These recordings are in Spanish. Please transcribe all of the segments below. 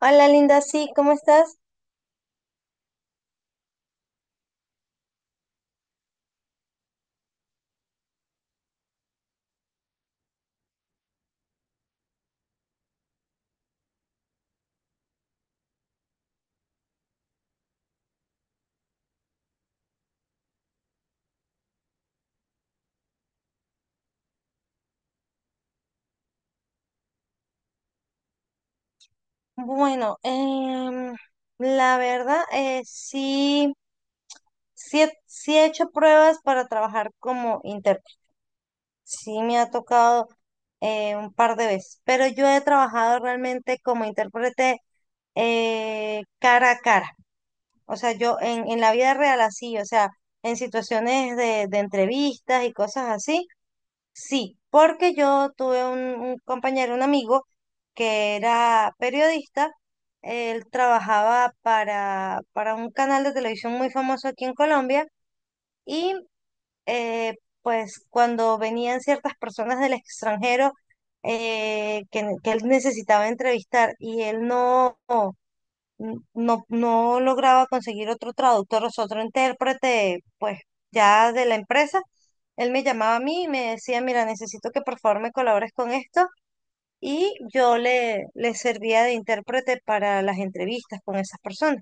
Hola Linda, sí, ¿cómo estás? Bueno, la verdad, sí, sí he hecho pruebas para trabajar como intérprete. Sí me ha tocado un par de veces, pero yo he trabajado realmente como intérprete cara a cara. O sea, yo en la vida real así, o sea, en situaciones de entrevistas y cosas así. Sí, porque yo tuve un compañero, un amigo, que era periodista. Él trabajaba para un canal de televisión muy famoso aquí en Colombia y eh, pues cuando venían ciertas personas del extranjero que él necesitaba entrevistar y él no lograba conseguir otro traductor, o sea, otro intérprete, pues ya de la empresa. Él me llamaba a mí y me decía, mira, necesito que por favor me colabores con esto. Y yo le servía de intérprete para las entrevistas con esas personas.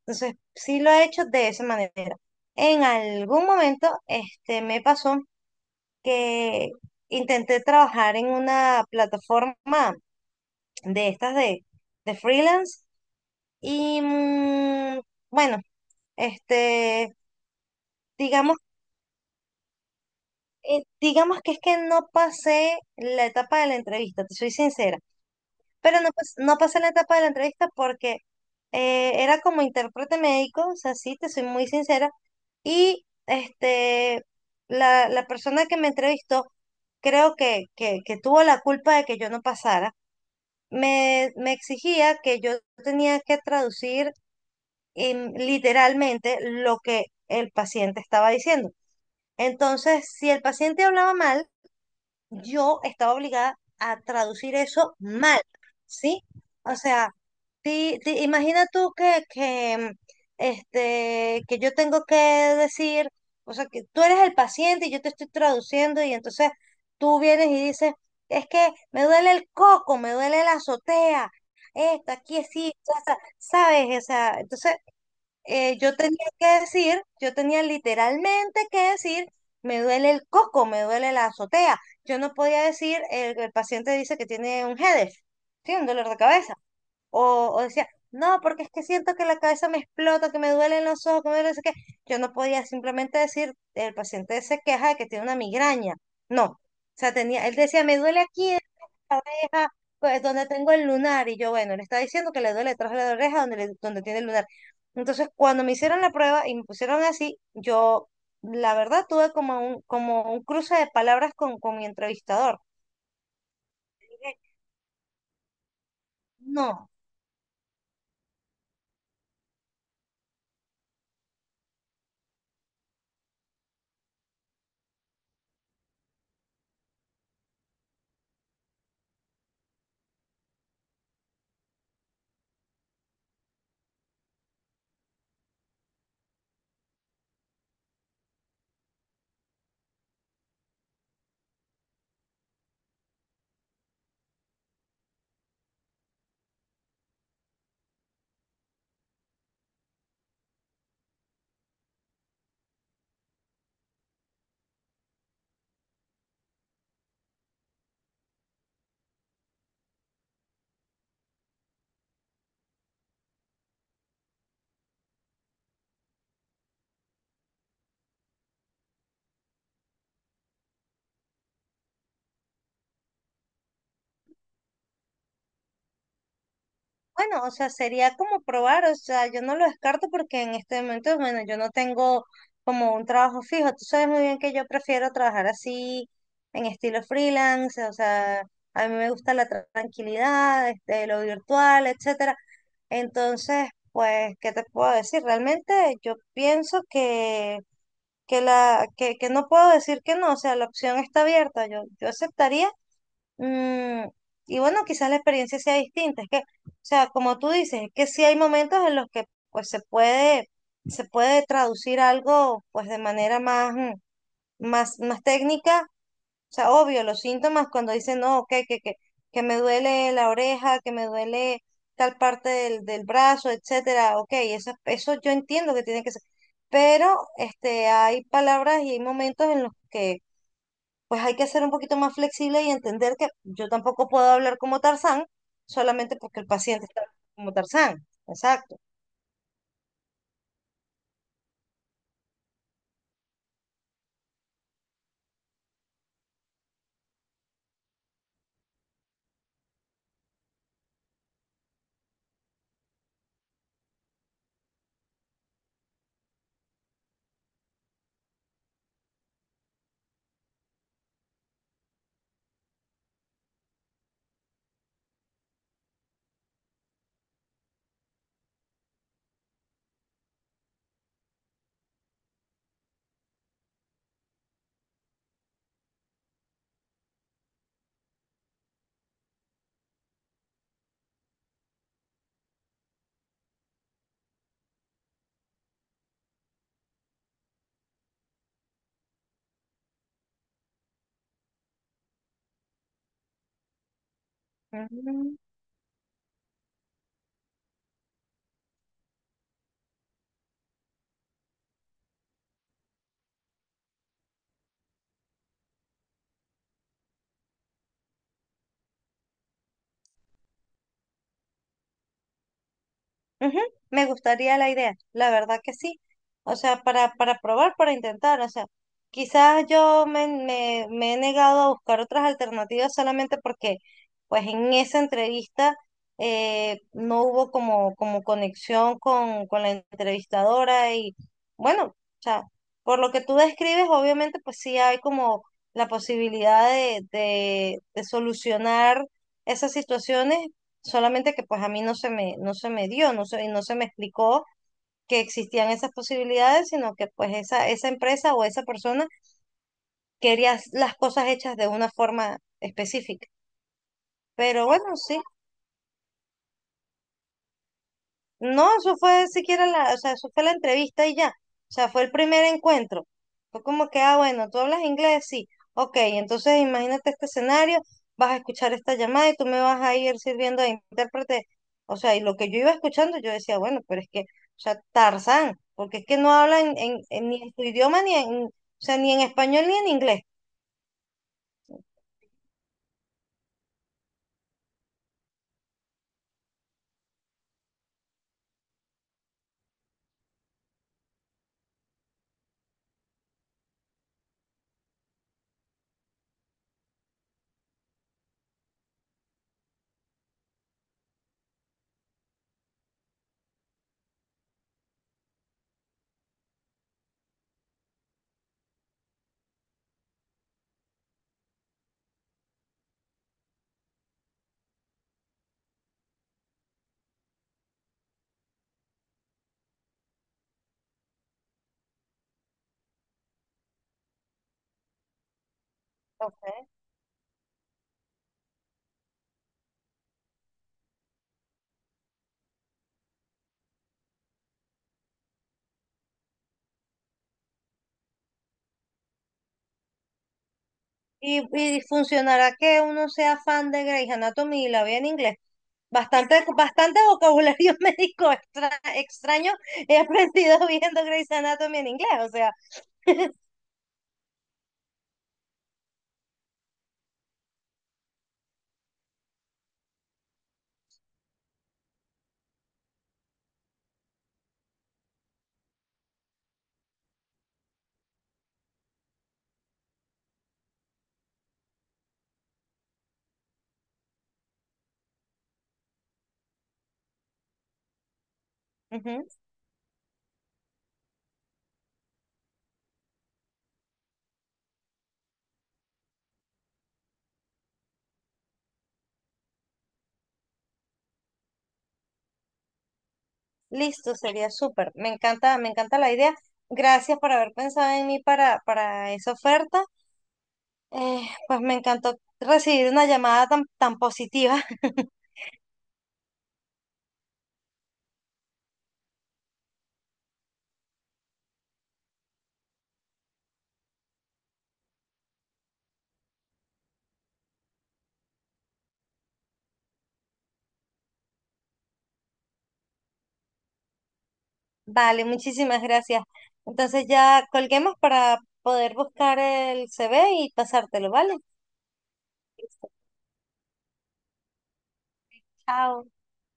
Entonces, sí lo he hecho de esa manera. En algún momento, este, me pasó que intenté trabajar en una plataforma de de freelance y bueno, Este, digamos, digamos que es que no pasé la etapa de la entrevista, te soy sincera, pero no pasé la etapa de la entrevista porque era como intérprete médico, o sea, sí, te soy muy sincera, y este, la persona que me entrevistó, creo que tuvo la culpa de que yo no pasara, me exigía que yo tenía que traducir literalmente lo que el paciente estaba diciendo. Entonces, si el paciente hablaba mal, yo estaba obligada a traducir eso mal, ¿sí? O sea, imagina tú que que yo tengo que decir, o sea, que tú eres el paciente y yo te estoy traduciendo y entonces tú vienes y dices, es que me duele el coco, me duele la azotea, esta, aquí sí, o sea, ¿sabes? O sea, entonces yo tenía que decir, yo tenía literalmente que decir, me duele el coco, me duele la azotea. Yo no podía decir, el paciente dice que tiene un headache, sí, un dolor de cabeza. O decía, no, porque es que siento que la cabeza me explota, que me duelen los ojos, que me duele, no sé qué. Yo no podía simplemente decir, el paciente se queja de que tiene una migraña. No. O sea, tenía, él decía, me duele aquí, oreja, pues donde tengo el lunar. Y yo, bueno, le está diciendo que le duele detrás de la oreja donde tiene el lunar. Entonces, cuando me hicieron la prueba y me pusieron así, yo, la verdad, tuve como como un cruce de palabras con mi entrevistador. No. Bueno, o sea, sería como probar, o sea, yo no lo descarto porque en este momento, bueno, yo no tengo como un trabajo fijo. Tú sabes muy bien que yo prefiero trabajar así, en estilo freelance, o sea, a mí me gusta la tranquilidad, este, lo virtual, etcétera. Entonces, pues, ¿qué te puedo decir? Realmente yo pienso que que no puedo decir que no, o sea, la opción está abierta. Yo aceptaría. Mm, y bueno, quizás la experiencia sea distinta. Es que, o sea, como tú dices, es que sí hay momentos en los que pues se puede traducir algo pues de manera más, más, más técnica. O sea, obvio, los síntomas cuando dicen, no, ok, que me duele la oreja, que me duele tal parte del brazo, etcétera, ok, eso yo entiendo que tiene que ser. Pero este, hay palabras y hay momentos en los que pues hay que ser un poquito más flexible y entender que yo tampoco puedo hablar como Tarzán solamente porque el paciente está como Tarzán. Exacto. Ujú. Ujú, me gustaría la idea, la verdad que sí. O sea, para probar, para intentar. O sea, quizás yo me he negado a buscar otras alternativas solamente porque, pues en esa entrevista no hubo como, como conexión con la entrevistadora y bueno, o sea, por lo que tú describes, obviamente pues sí hay como la posibilidad de solucionar esas situaciones. Solamente que pues a mí no se me dio, no se me explicó que existían esas posibilidades, sino que pues esa empresa o esa persona quería las cosas hechas de una forma específica. Pero bueno, sí, no, eso fue siquiera la, o sea, eso fue la entrevista y ya. O sea, fue el primer encuentro. Fue como que, ah, bueno, tú hablas inglés, sí. Ok, entonces imagínate este escenario, vas a escuchar esta llamada y tú me vas a ir sirviendo de intérprete. O sea, y lo que yo iba escuchando, yo decía, bueno, pero es que, o sea, Tarzán, porque es que no hablan ni en tu idioma, ni en, o sea, ni en español, ni en inglés. Ok. Y, y funcionará que uno sea fan de Grey's Anatomy y la vea en inglés. Bastante, bastante vocabulario médico extra, extraño he aprendido viendo Grey's Anatomy en inglés, o sea, ujú, listo, sería súper. Me encanta la idea. Gracias por haber pensado en mí para esa oferta. Pues me encantó recibir una llamada tan, tan positiva. Vale, muchísimas gracias. Entonces ya colguemos para poder buscar el CV y pasártelo, ¿vale? Listo, chao.